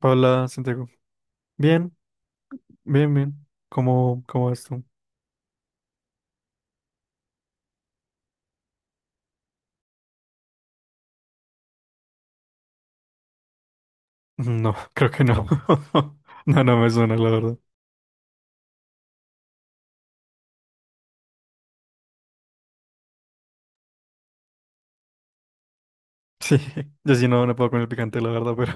Hola, Santiago. Bien, bien, bien. ¿Cómo vas tú? No, creo que no. No, no me suena, la verdad. Sí, yo sí no puedo con el picante, la verdad, pero...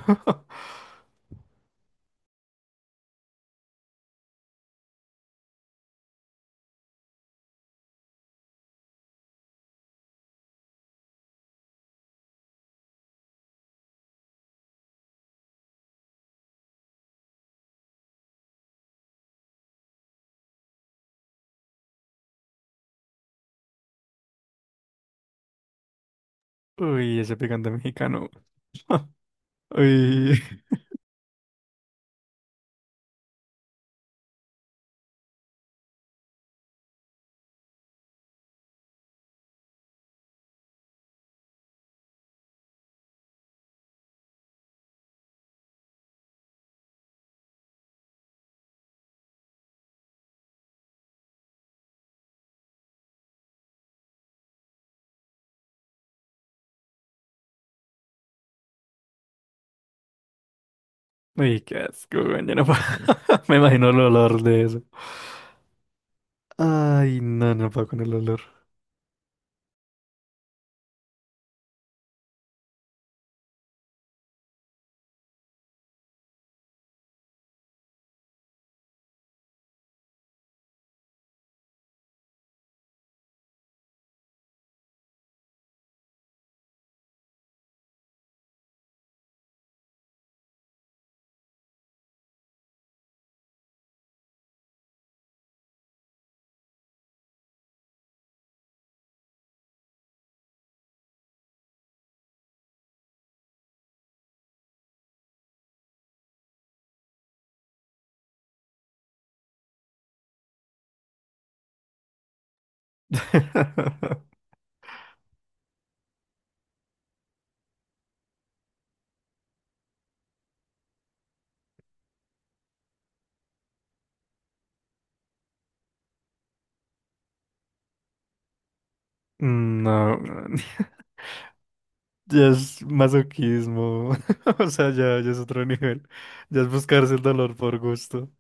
Uy, ese picante mexicano. Uy, uy, qué asco, weón, yo no puedo. Me imagino el olor de eso. Ay, no, no puedo con el olor. No, weón, ya es masoquismo. O sea, ya, ya es otro nivel. Ya es buscarse el dolor por gusto.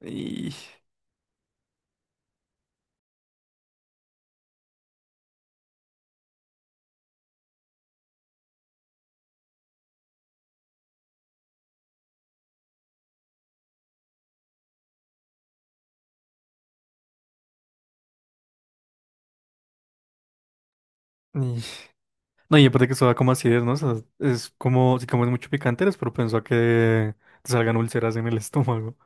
Y... Y- No, y aparte que eso da como acidez, ¿no? O sea, es como si comes mucho picante, eres propenso a que te salgan úlceras en el estómago.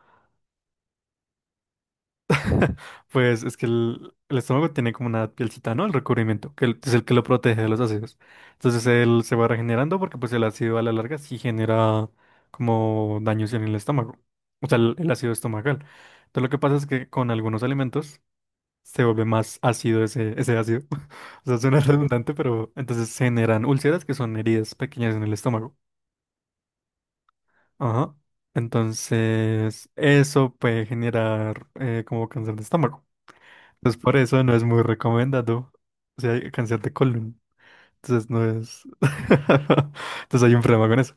Pues es que el estómago tiene como una pielcita, ¿no? El recubrimiento, es el que lo protege de los ácidos. Entonces él se va regenerando porque pues el ácido a la larga sí genera como daños en el estómago. O sea, el ácido estomacal. Entonces lo que pasa es que con algunos alimentos se vuelve más ácido ese ácido. O sea, suena redundante, pero entonces se generan úlceras que son heridas pequeñas en el estómago. Ajá. Entonces, eso puede generar como cáncer de estómago. Entonces, por eso no es muy recomendado. O sea, hay cáncer de colon. Entonces, no es. Entonces, hay un problema con eso.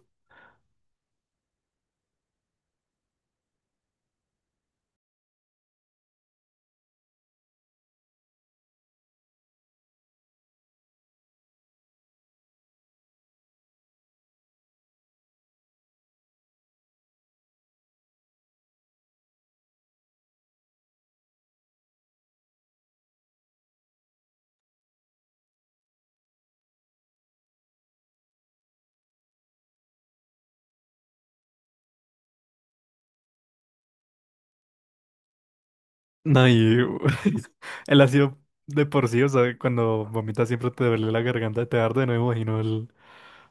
No, y el ácido de por sí, o sea, cuando vomitas siempre te duele la garganta, te arde, no me imagino el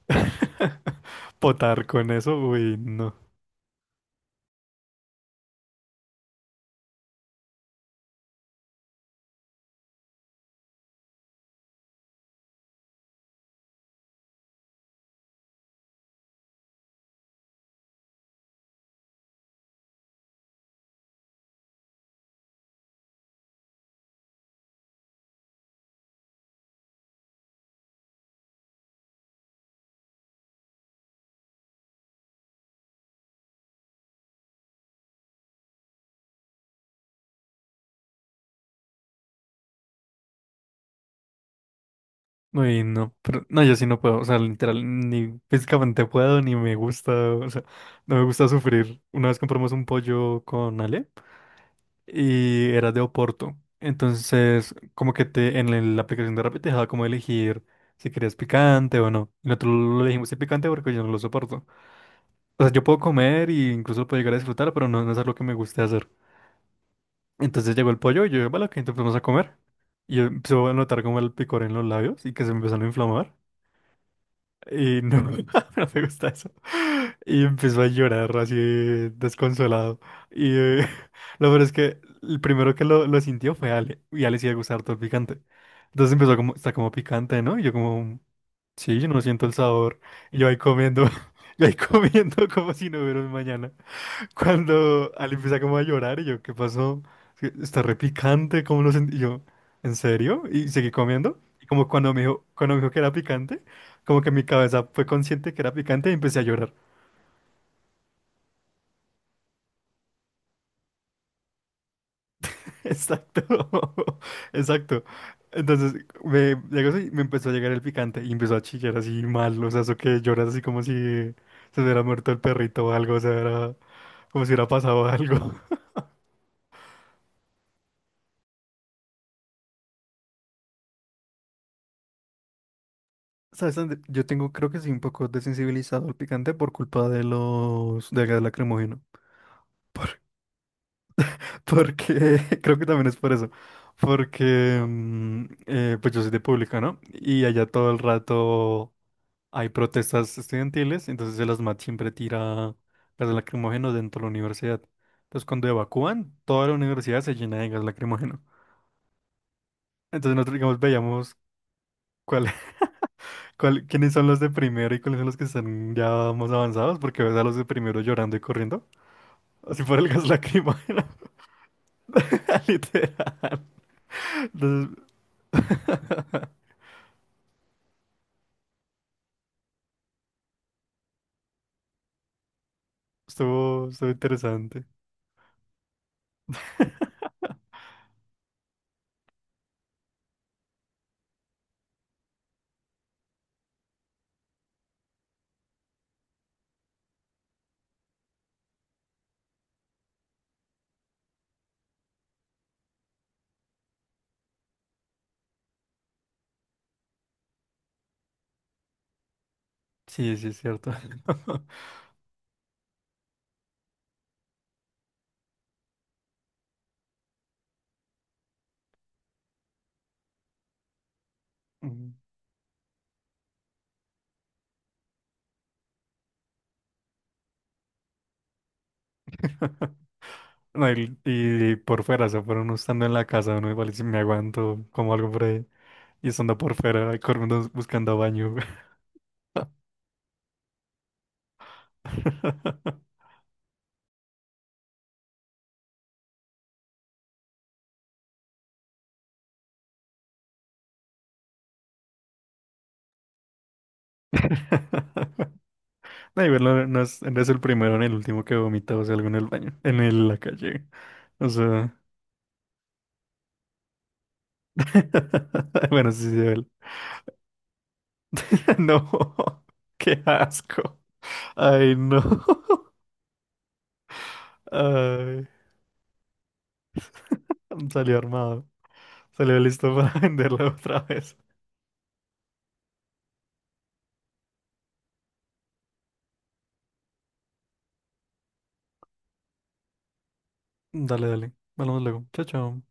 potar con eso. Uy, no. Uy, no, pero no, yo sí no puedo, o sea, literal, ni físicamente puedo, ni me gusta, o sea, no me gusta sufrir. Una vez compramos un pollo con Ale y era de Oporto, entonces como que la aplicación de Rappi te dejaba como elegir si querías picante o no. Y nosotros lo elegimos sin picante porque yo no lo soporto. O sea, yo puedo comer y incluso lo puedo llegar a disfrutar, pero no, no es algo que me guste hacer. Entonces llegó el pollo y yo, vale, ok, entonces vamos a comer. Y yo empecé a notar como el picor en los labios y que se me empezaron a inflamar. Y no, no me gusta eso. Y empezó a llorar así desconsolado. Y lo peor es que el primero que lo sintió fue Ale. Y a Ale sí le gusta harto el picante. Entonces empezó como, está como picante, ¿no? Y yo como, sí, yo no siento el sabor. Y yo ahí comiendo, yo ahí comiendo como si no hubiera un mañana. Cuando Ali empieza como a llorar y yo, ¿qué pasó? Es que está repicante, ¿cómo lo sentí? Y yo, ¿en serio? Y seguí comiendo. Y como cuando me dijo que era picante, como que mi cabeza fue consciente que era picante y empecé a llorar. Exacto, exacto. Entonces llegó eso y me empezó a llegar el picante y empezó a chillar así mal, o sea, eso que lloras así como si se hubiera muerto el perrito o algo, o sea, era como si hubiera pasado algo. ¿Sabes dónde? Yo tengo, creo que soy un poco desensibilizado al picante por culpa de del gas lacrimógeno. Por- porque, creo que también es por eso. Porque, pues yo soy de pública, ¿no? Y allá todo el rato hay protestas estudiantiles, entonces el ASMAT siempre tira gas lacrimógeno dentro de la universidad. Entonces cuando evacúan, toda la universidad se llena de gas lacrimógeno. Entonces nosotros, digamos, veíamos cuál ¿Cuál, quiénes son los de primero y cuáles son los que están ya más avanzados? Porque ves a los de primero llorando y corriendo. Así por el gas lacrimógeno. Literal. Entonces, estuvo, estuvo interesante. Sí, sí, es cierto. Mm. No, y por fuera, o sea, por uno estando en la casa, uno igual si me aguanto como algo por ahí. Y estando por fuera, corriendo buscando baño. Güey. No, igual no, no es el primero ni el último que vomita, o sea, algo en el baño, la calle. O sea, bueno, sí, sí, él. No, qué asco. Ay, no. Ay, salió armado. Salió listo para venderlo otra vez. Dale, dale. Hablamos luego. Chao, chao.